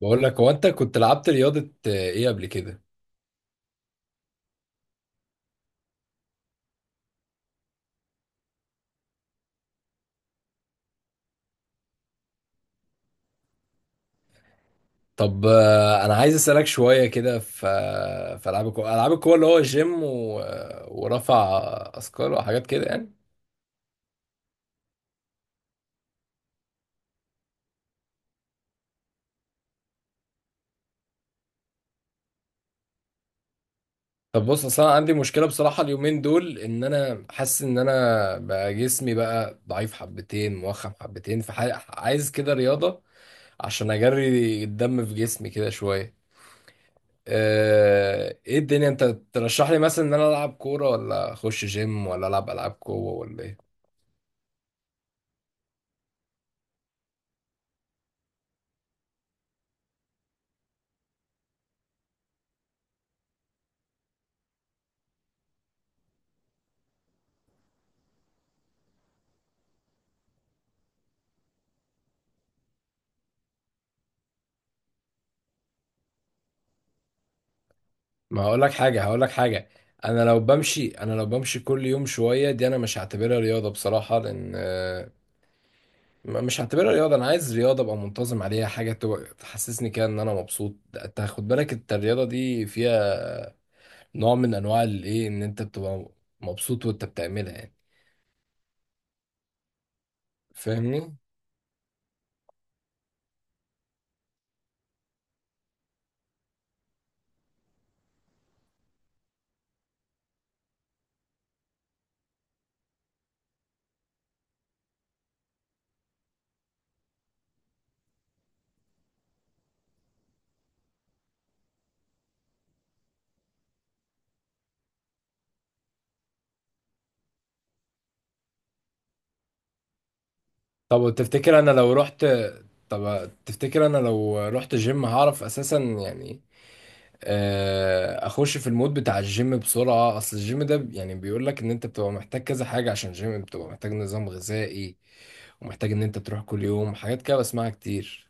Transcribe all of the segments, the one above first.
بقول لك هو انت كنت لعبت رياضة ايه قبل كده؟ طب، انا عايز اسألك شوية كده في، في العاب القوة اللي هو جيم و... آه، ورفع اثقال وحاجات كده يعني. طب بص، اصل انا عندي مشكلة بصراحة اليومين دول، ان انا حاسس ان انا بقى جسمي بقى ضعيف حبتين، موخم حبتين، فعايز كده رياضة عشان اجري الدم في جسمي كده شوية. ايه الدنيا؟ انت ترشح لي مثلا ان انا العب كورة، ولا اخش جيم، ولا العب العاب قوة، ولا ايه؟ ما هقول لك حاجة، هقول لك حاجة. انا لو بمشي كل يوم شوية، دي انا مش هعتبرها رياضة بصراحة، لان مش هعتبرها رياضة. انا عايز رياضة ابقى منتظم عليها، حاجة تحسسني كده ان انا مبسوط. انت خد بالك، انت الرياضة دي فيها نوع من انواع الايه، ان انت بتبقى مبسوط وانت بتعملها يعني. فاهمني؟ طب تفتكر انا لو رحت طب تفتكر انا لو رحت جيم هعرف اساسا يعني اخش في المود بتاع الجيم بسرعه؟ اصل الجيم ده يعني بيقول لك ان انت بتبقى محتاج كذا حاجه، عشان الجيم بتبقى محتاج نظام غذائي، ومحتاج ان انت تروح كل يوم، حاجات كده بسمعها كتير.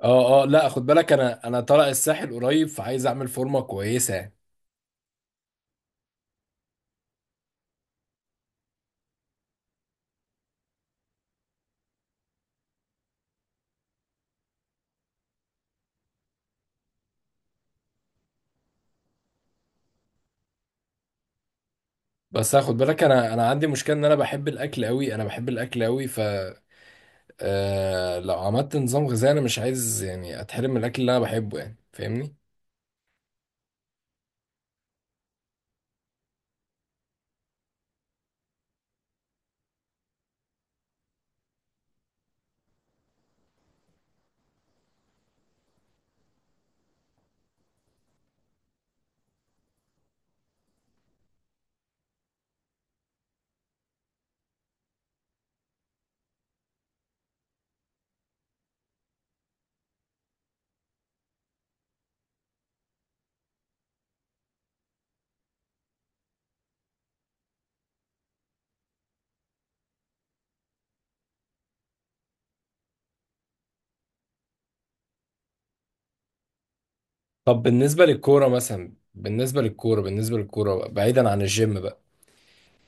اه اه، لا خد بالك، انا انا طالع الساحل قريب، فعايز اعمل فورمه كويسه. بس خد بالك، انا عندي مشكله، ان انا بحب الاكل قوي، انا بحب الاكل قوي. ف آه، لو عملت نظام غذائي انا مش عايز يعني اتحرم من الاكل اللي انا بحبه يعني. فاهمني؟ طب بالنسبة للكورة مثلا بالنسبة للكورة بالنسبة للكورة بقى، بعيدا عن الجيم بقى،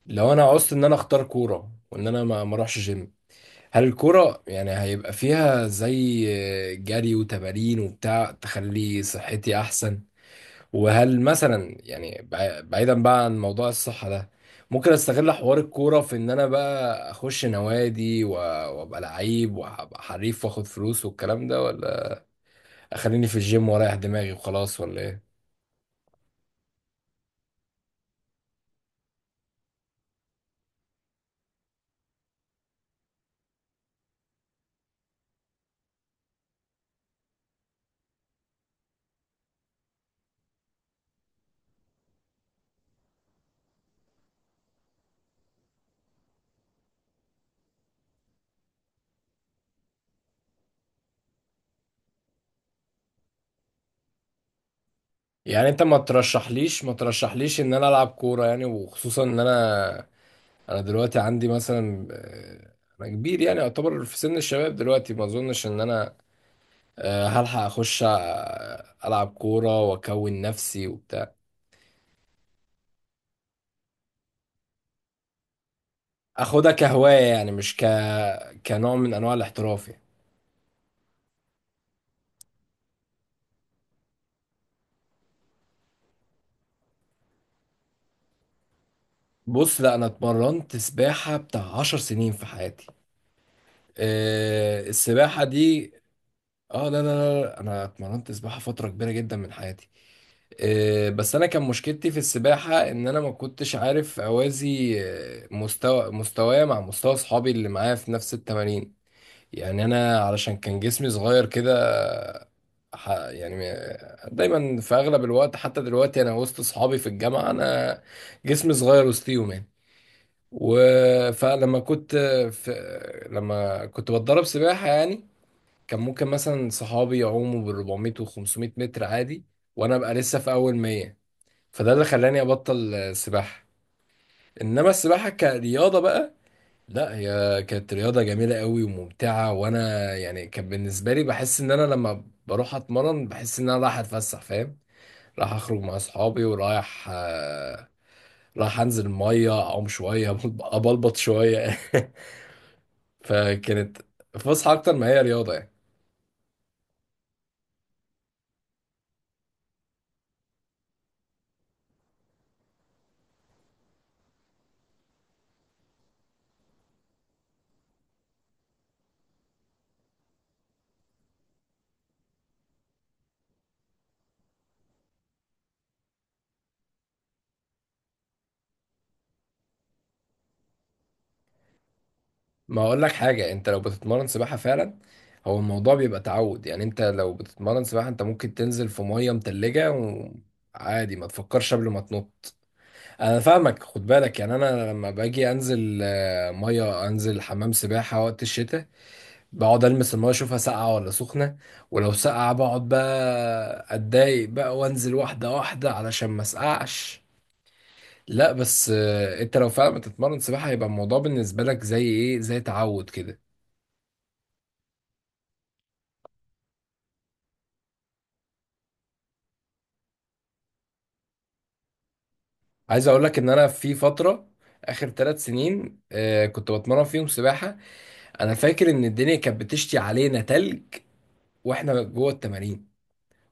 لو انا عوزت ان انا اختار كورة، وان انا ما اروحش جيم، هل الكورة يعني هيبقى فيها زي جري وتمارين وبتاع تخلي صحتي احسن؟ وهل مثلا يعني بعيدا بقى عن موضوع الصحة ده، ممكن استغل حوار الكورة في ان انا بقى اخش نوادي، وابقى لعيب وابقى حريف واخد فلوس والكلام ده، ولا اخليني في الجيم واريح دماغي وخلاص، ولا ايه؟ يعني انت ما ترشحليش ان انا العب كوره يعني؟ وخصوصا ان انا، انا دلوقتي عندي مثلا، انا كبير يعني، اعتبر في سن الشباب دلوقتي، ما اظنش ان انا هلحق اخش العب كوره واكون نفسي وبتاع. اخدها كهوايه يعني، مش ك كنوع من انواع الاحتراف يعني. بص، لا انا اتمرنت سباحه بتاع 10 سنين في حياتي. السباحه دي، اه لا لا لا، انا اتمرنت سباحه فتره كبيره جدا من حياتي. بس انا كان مشكلتي في السباحه، ان انا ما كنتش عارف اوازي، آه، مستوى مستواي مع مستوى اصحابي اللي معايا في نفس التمارين. يعني انا، علشان كان جسمي صغير كده، دايما في اغلب الوقت، حتى دلوقتي انا وسط اصحابي في الجامعه، انا جسمي صغير وسطيهم يعني. و- فلما كنت في لما كنت بتدرب سباحه يعني، كان ممكن مثلا صحابي يعوموا بال 400 و 500 متر عادي، وانا ابقى لسه في اول 100. فده اللي خلاني ابطل سباحه. انما السباحه كرياضه بقى، لا هي كانت رياضه جميله قوي وممتعه. وانا يعني، كان بالنسبه لي بحس ان انا لما بروح اتمرن بحس ان انا رايح اتفسح. فاهم؟ رايح اخرج مع اصحابي، ورايح رايح انزل ميه اعوم شويه، ابلبط شويه. فكانت فسحه اكتر ما هي رياضه يعني. ما اقول لك حاجه، انت لو بتتمرن سباحه فعلا، هو الموضوع بيبقى تعود يعني. انت لو بتتمرن سباحه انت ممكن تنزل في ميه متلجه وعادي، ما تفكرش قبل ما تنط. انا فاهمك، خد بالك يعني، انا لما باجي انزل ميه، انزل حمام سباحه وقت الشتاء، بقعد المس الميه اشوفها ساقعه ولا سخنه، ولو ساقعه بقعد بقى اتضايق بقى وانزل واحده واحده علشان ما اسقعش. لا بس انت لو فعلا بتتمرن سباحه، هيبقى الموضوع بالنسبه لك زي ايه، زي تعود كده. عايز اقول لك ان انا في فتره اخر 3 سنين آه كنت بتمرن فيهم سباحه، انا فاكر ان الدنيا كانت بتشتي علينا تلج واحنا جوه التمارين،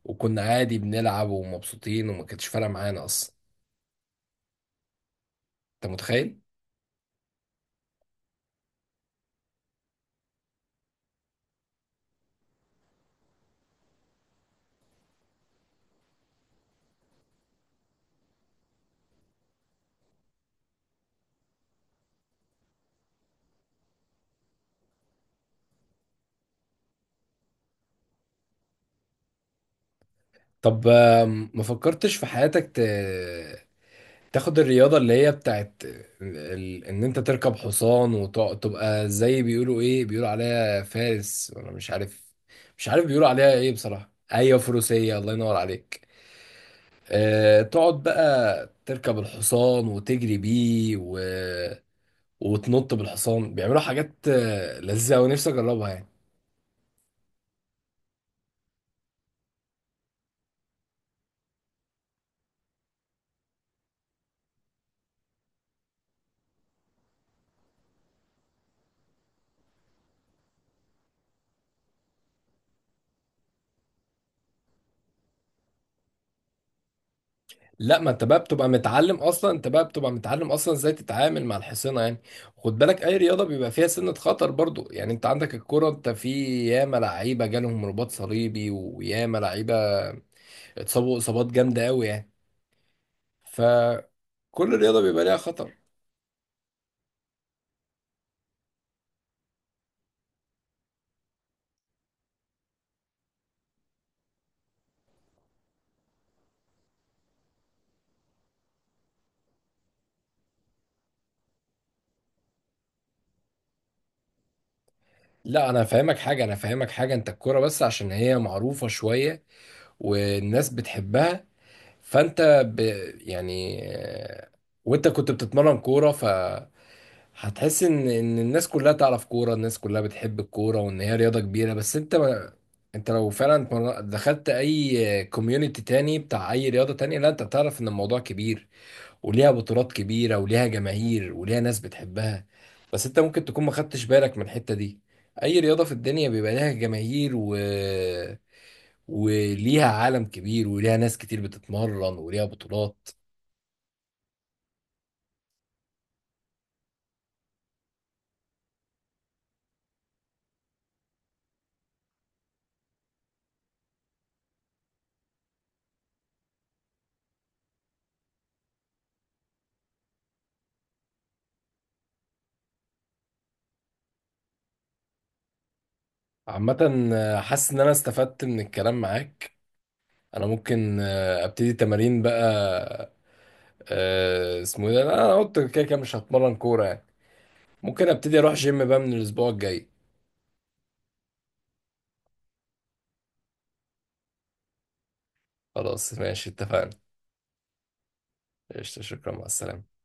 وكنا عادي بنلعب ومبسوطين، وما كانتش فارقه معانا اصلا. انت متخيل؟ طب ما فكرتش في حياتك تاخد الرياضه اللي هي بتاعت ان انت تركب حصان، وتبقى زي بيقولوا ايه، بيقولوا عليها فارس ولا مش عارف، مش عارف بيقولوا عليها ايه بصراحه. ايوه، فروسيه، الله ينور عليك. تقعد بقى تركب الحصان وتجري بيه، وتنط بالحصان، بيعملوا حاجات لذيذة ونفسي اجربها يعني. لا، ما انت بقى بتبقى متعلم اصلا، انت بقى بتبقى متعلم اصلا ازاي تتعامل مع الحصينة يعني. خد بالك، اي رياضة بيبقى فيها سنة خطر برضو. يعني انت عندك الكرة، انت في ياما لعيبة جالهم رباط صليبي، وياما لعيبة اتصابوا اصابات جامدة قوي يعني. فكل رياضة بيبقى ليها خطر. لا انا فاهمك حاجة، انا فاهمك حاجة، انت الكرة بس عشان هي معروفة شوية والناس بتحبها، فانت ب... يعني آه، وانت كنت بتتمرن كورة فهتحس ان الناس كلها تعرف كورة، الناس كلها بتحب الكورة، وان هي رياضة كبيرة. بس انت ما... انت لو فعلا دخلت اي كوميونتي تاني بتاع اي رياضة تانية، لا انت بتعرف ان الموضوع كبير، وليها بطولات كبيرة وليها جماهير وليها ناس بتحبها. بس انت ممكن تكون ما خدتش بالك من الحتة دي. اي رياضة في الدنيا بيبقى لها جماهير، وليها عالم كبير وليها ناس كتير بتتمرن وليها بطولات. عامة، حاسس ان انا استفدت من الكلام معاك. انا ممكن ابتدي تمارين بقى. اسمه ايه ده؟ انا قلت كده كده مش هتمرن كورة يعني، ممكن ابتدي اروح جيم بقى من الاسبوع الجاي. خلاص ماشي، اتفقنا. قشطة، شكرا، مع السلامة.